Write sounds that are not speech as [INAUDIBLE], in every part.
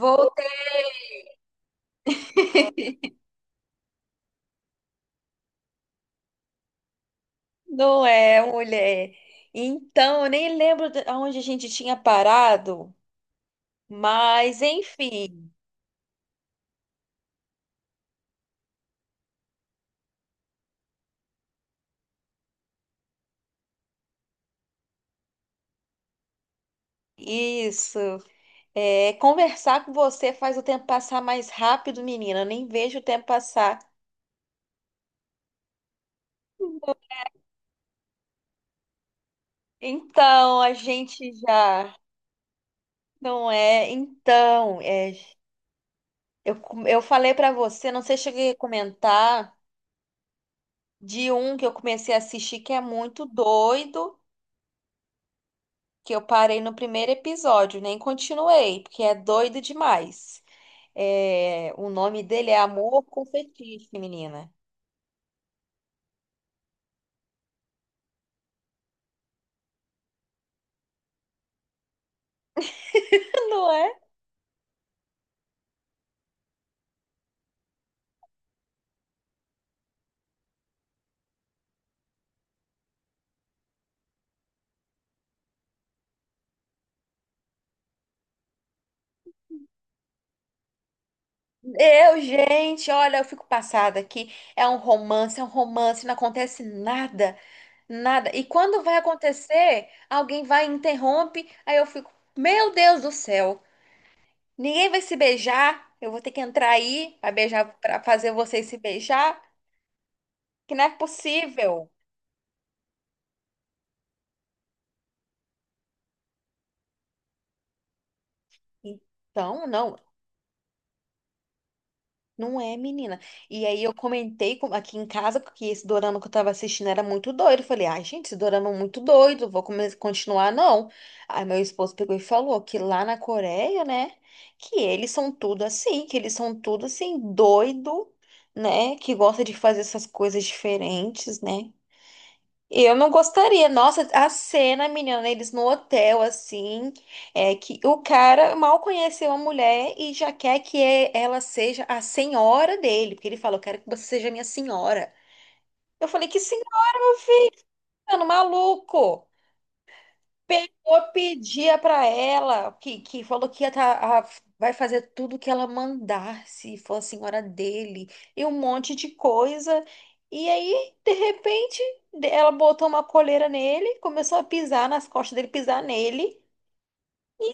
Voltei, não é, mulher. Então, eu nem lembro aonde a gente tinha parado, mas enfim, isso. É, conversar com você faz o tempo passar mais rápido, menina. Eu nem vejo o tempo passar. Então, a gente já não é. Então, é, eu falei pra você, não sei se cheguei a comentar, de um que eu comecei a assistir que é muito doido, que eu parei no primeiro episódio, nem continuei, porque é doido demais. É, o nome dele é Amor com Fetiche, menina. Não é? Eu, gente, olha, eu fico passada aqui. É um romance, não acontece nada, nada. E quando vai acontecer, alguém vai e interrompe, aí eu fico, meu Deus do céu, ninguém vai se beijar. Eu vou ter que entrar aí para beijar, para fazer vocês se beijar, que não é possível. Então, não. Não é, menina. E aí eu aqui em casa que esse dorama que eu tava assistindo era muito doido. Eu falei, ai, gente, esse dorama é muito doido, continuar, não. Aí meu esposo pegou e falou que lá na Coreia, né, que eles são tudo assim, que eles são tudo assim, doido, né, que gosta de fazer essas coisas diferentes, né. Eu não gostaria. Nossa, a cena, menina, eles no hotel, assim, é que o cara mal conheceu a mulher e já quer que ela seja a senhora dele, porque ele falou, quero que você seja minha senhora. Eu falei, que senhora, meu filho, maluco? Pegou, pedia pra ela, que falou que vai fazer tudo que ela mandar, se for a senhora dele, e um monte de coisa. E aí, de repente, ela botou uma coleira nele, começou a pisar nas costas dele, pisar nele. E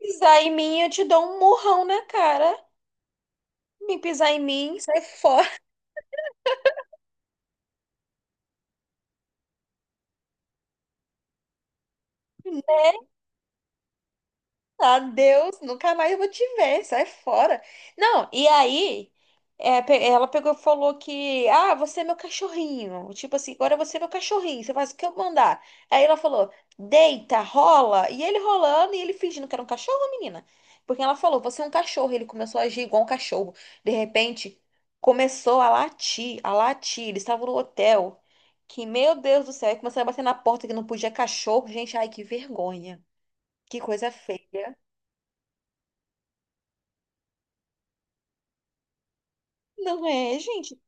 pisar em mim, eu te dou um murrão na cara. Me pisar em mim, sai fora. Adeus, nunca mais eu vou te ver, sai fora. Não, e aí, é, ela pegou e falou que, ah, você é meu cachorrinho. Tipo assim, agora você é meu cachorrinho, você faz o que eu mandar. Aí ela falou, deita, rola. E ele rolando e ele fingindo que era um cachorro, menina. Porque ela falou, você é um cachorro. Ele começou a agir igual um cachorro. De repente, começou a latir, a latir. Eles estavam no hotel. Que, meu Deus do céu, aí começou a bater na porta que não podia cachorro. Gente, ai, que vergonha. Que coisa feia. Não é, gente?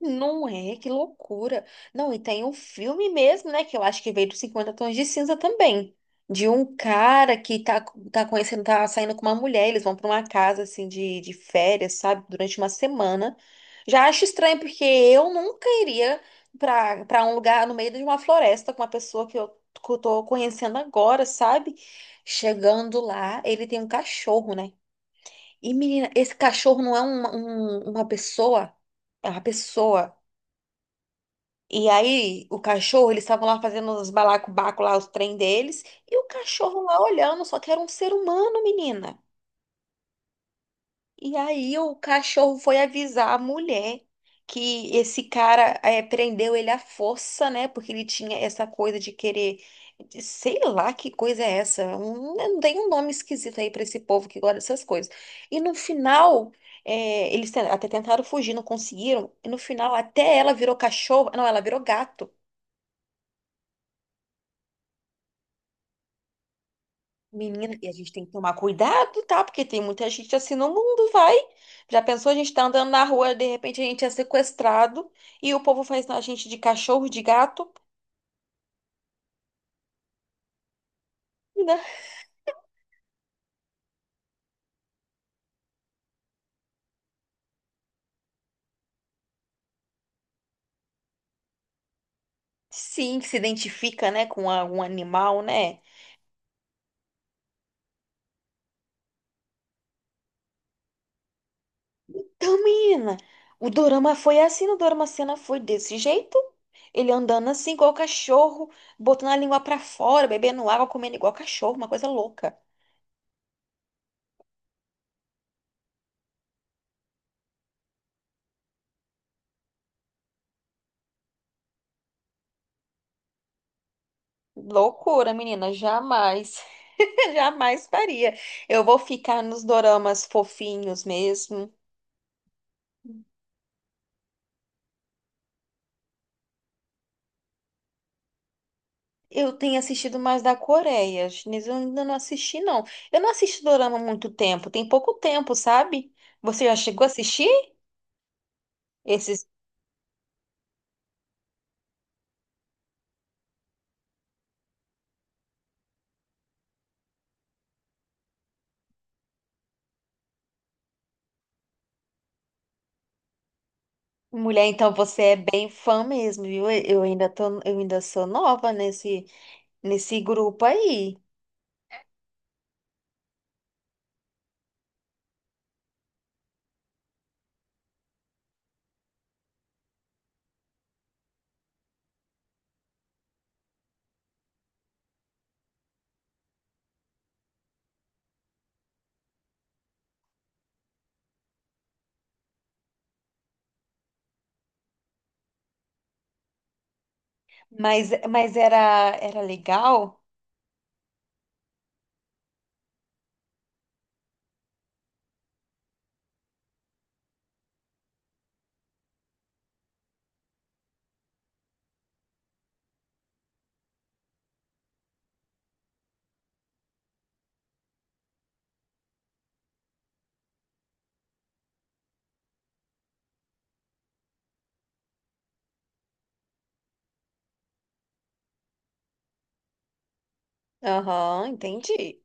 Não é, que loucura. Não, e tem um filme mesmo, né? Que eu acho que veio dos Cinquenta Tons de Cinza também. De um cara que tá conhecendo, tá saindo com uma mulher, eles vão pra uma casa assim de férias, sabe? Durante uma semana. Já acho estranho, porque eu nunca iria pra um lugar no meio de uma floresta com uma pessoa que eu tô conhecendo agora, sabe? Chegando lá, ele tem um cachorro, né? E menina, esse cachorro não é uma pessoa, é uma pessoa. E aí, o cachorro, eles estavam lá fazendo os balacobaco lá, os trem deles, e o cachorro lá olhando, só que era um ser humano, menina. E aí o cachorro foi avisar a mulher que esse cara prendeu ele à força, né? Porque ele tinha essa coisa de querer, sei lá que coisa é essa. Um, não tem um nome esquisito aí pra esse povo que gosta dessas coisas. E no final até tentaram fugir, não conseguiram. E no final até ela virou cachorro, não, ela virou gato. Menina, e a gente tem que tomar cuidado, tá? Porque tem muita gente assim no mundo, vai. Já pensou, a gente tá andando na rua, de repente a gente é sequestrado e o povo faz a gente de cachorro, de gato, né? Sim, que se identifica, né, com algum animal, né? Então, menina, o dorama foi assim, o dorama cena foi desse jeito. Ele andando assim, igual cachorro, botando a língua pra fora, bebendo água, comendo igual cachorro, uma coisa louca. Loucura, menina, jamais, [LAUGHS] jamais faria. Eu vou ficar nos doramas fofinhos mesmo. Eu tenho assistido mais da Coreia, chinês eu ainda não assisti, não. Eu não assisto dorama há muito tempo, tem pouco tempo, sabe? Você já chegou a assistir? Esses... Mulher, então você é bem fã mesmo, viu? Eu ainda tô, eu ainda sou nova nesse grupo aí. Mas era legal? Aham, entendi.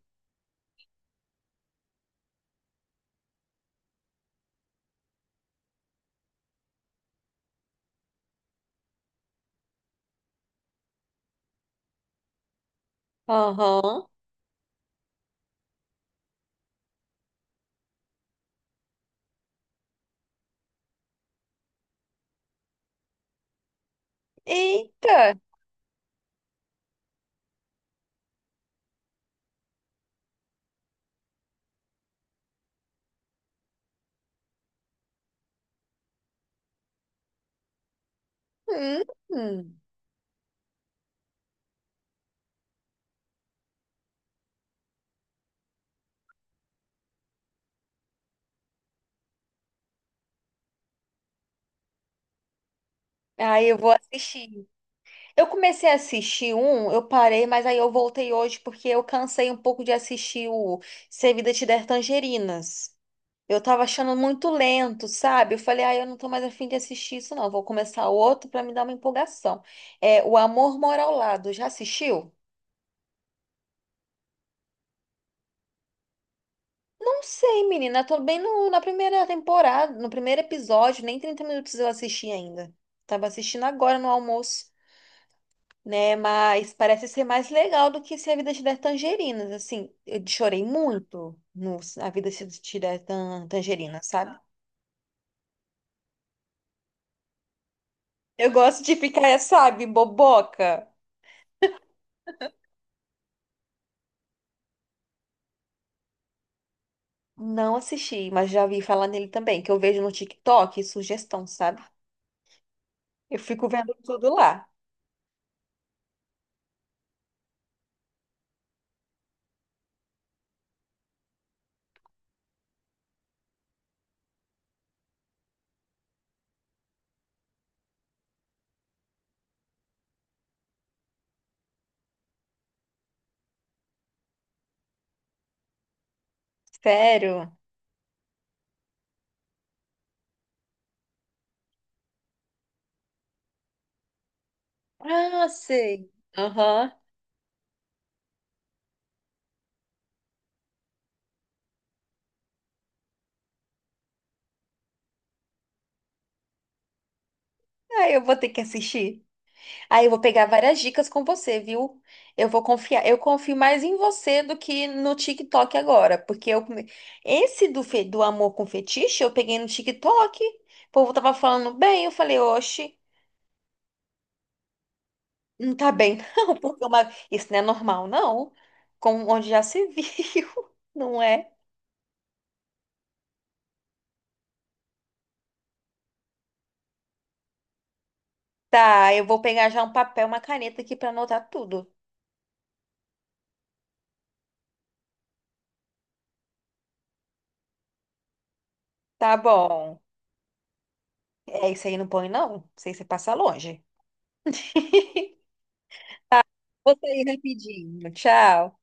Aham. Eita! Hum. Aí eu vou assistir. Eu comecei a assistir um, eu parei, mas aí eu voltei hoje porque eu cansei um pouco de assistir o Se a Vida Te Der Tangerinas. Eu tava achando muito lento, sabe? Eu falei, ah, eu não tô mais afim de assistir isso, não. Vou começar outro pra me dar uma empolgação. É O Amor Mora ao Lado. Já assistiu? Não sei, menina. Eu tô bem na primeira temporada, no primeiro episódio, nem 30 minutos eu assisti ainda. Tava assistindo agora no almoço, né? Mas parece ser mais legal do que Se a Vida Te Der Tangerinas, assim. Eu chorei muito no A Vida Te Der Tangerinas, sabe? Eu gosto de ficar, sabe, boboca. Não assisti, mas já vi falar nele também, que eu vejo no TikTok, sugestão, sabe? Eu fico vendo tudo lá. Sério? Ah, sei. Aham. Ah, eu vou ter que assistir. Aí eu vou pegar várias dicas com você, viu? Eu vou confiar. Eu confio mais em você do que no TikTok agora, porque esse do amor com fetiche eu peguei no TikTok. O povo tava falando bem, eu falei, oxe, não tá bem [LAUGHS] não, porque isso não é normal não. Com onde já se viu, [LAUGHS] não é? Tá, eu vou pegar já um papel, uma caneta aqui pra anotar tudo. Tá bom. É isso aí, não põe não. Isso aí você passa longe. [LAUGHS] Vou sair rapidinho. Tchau.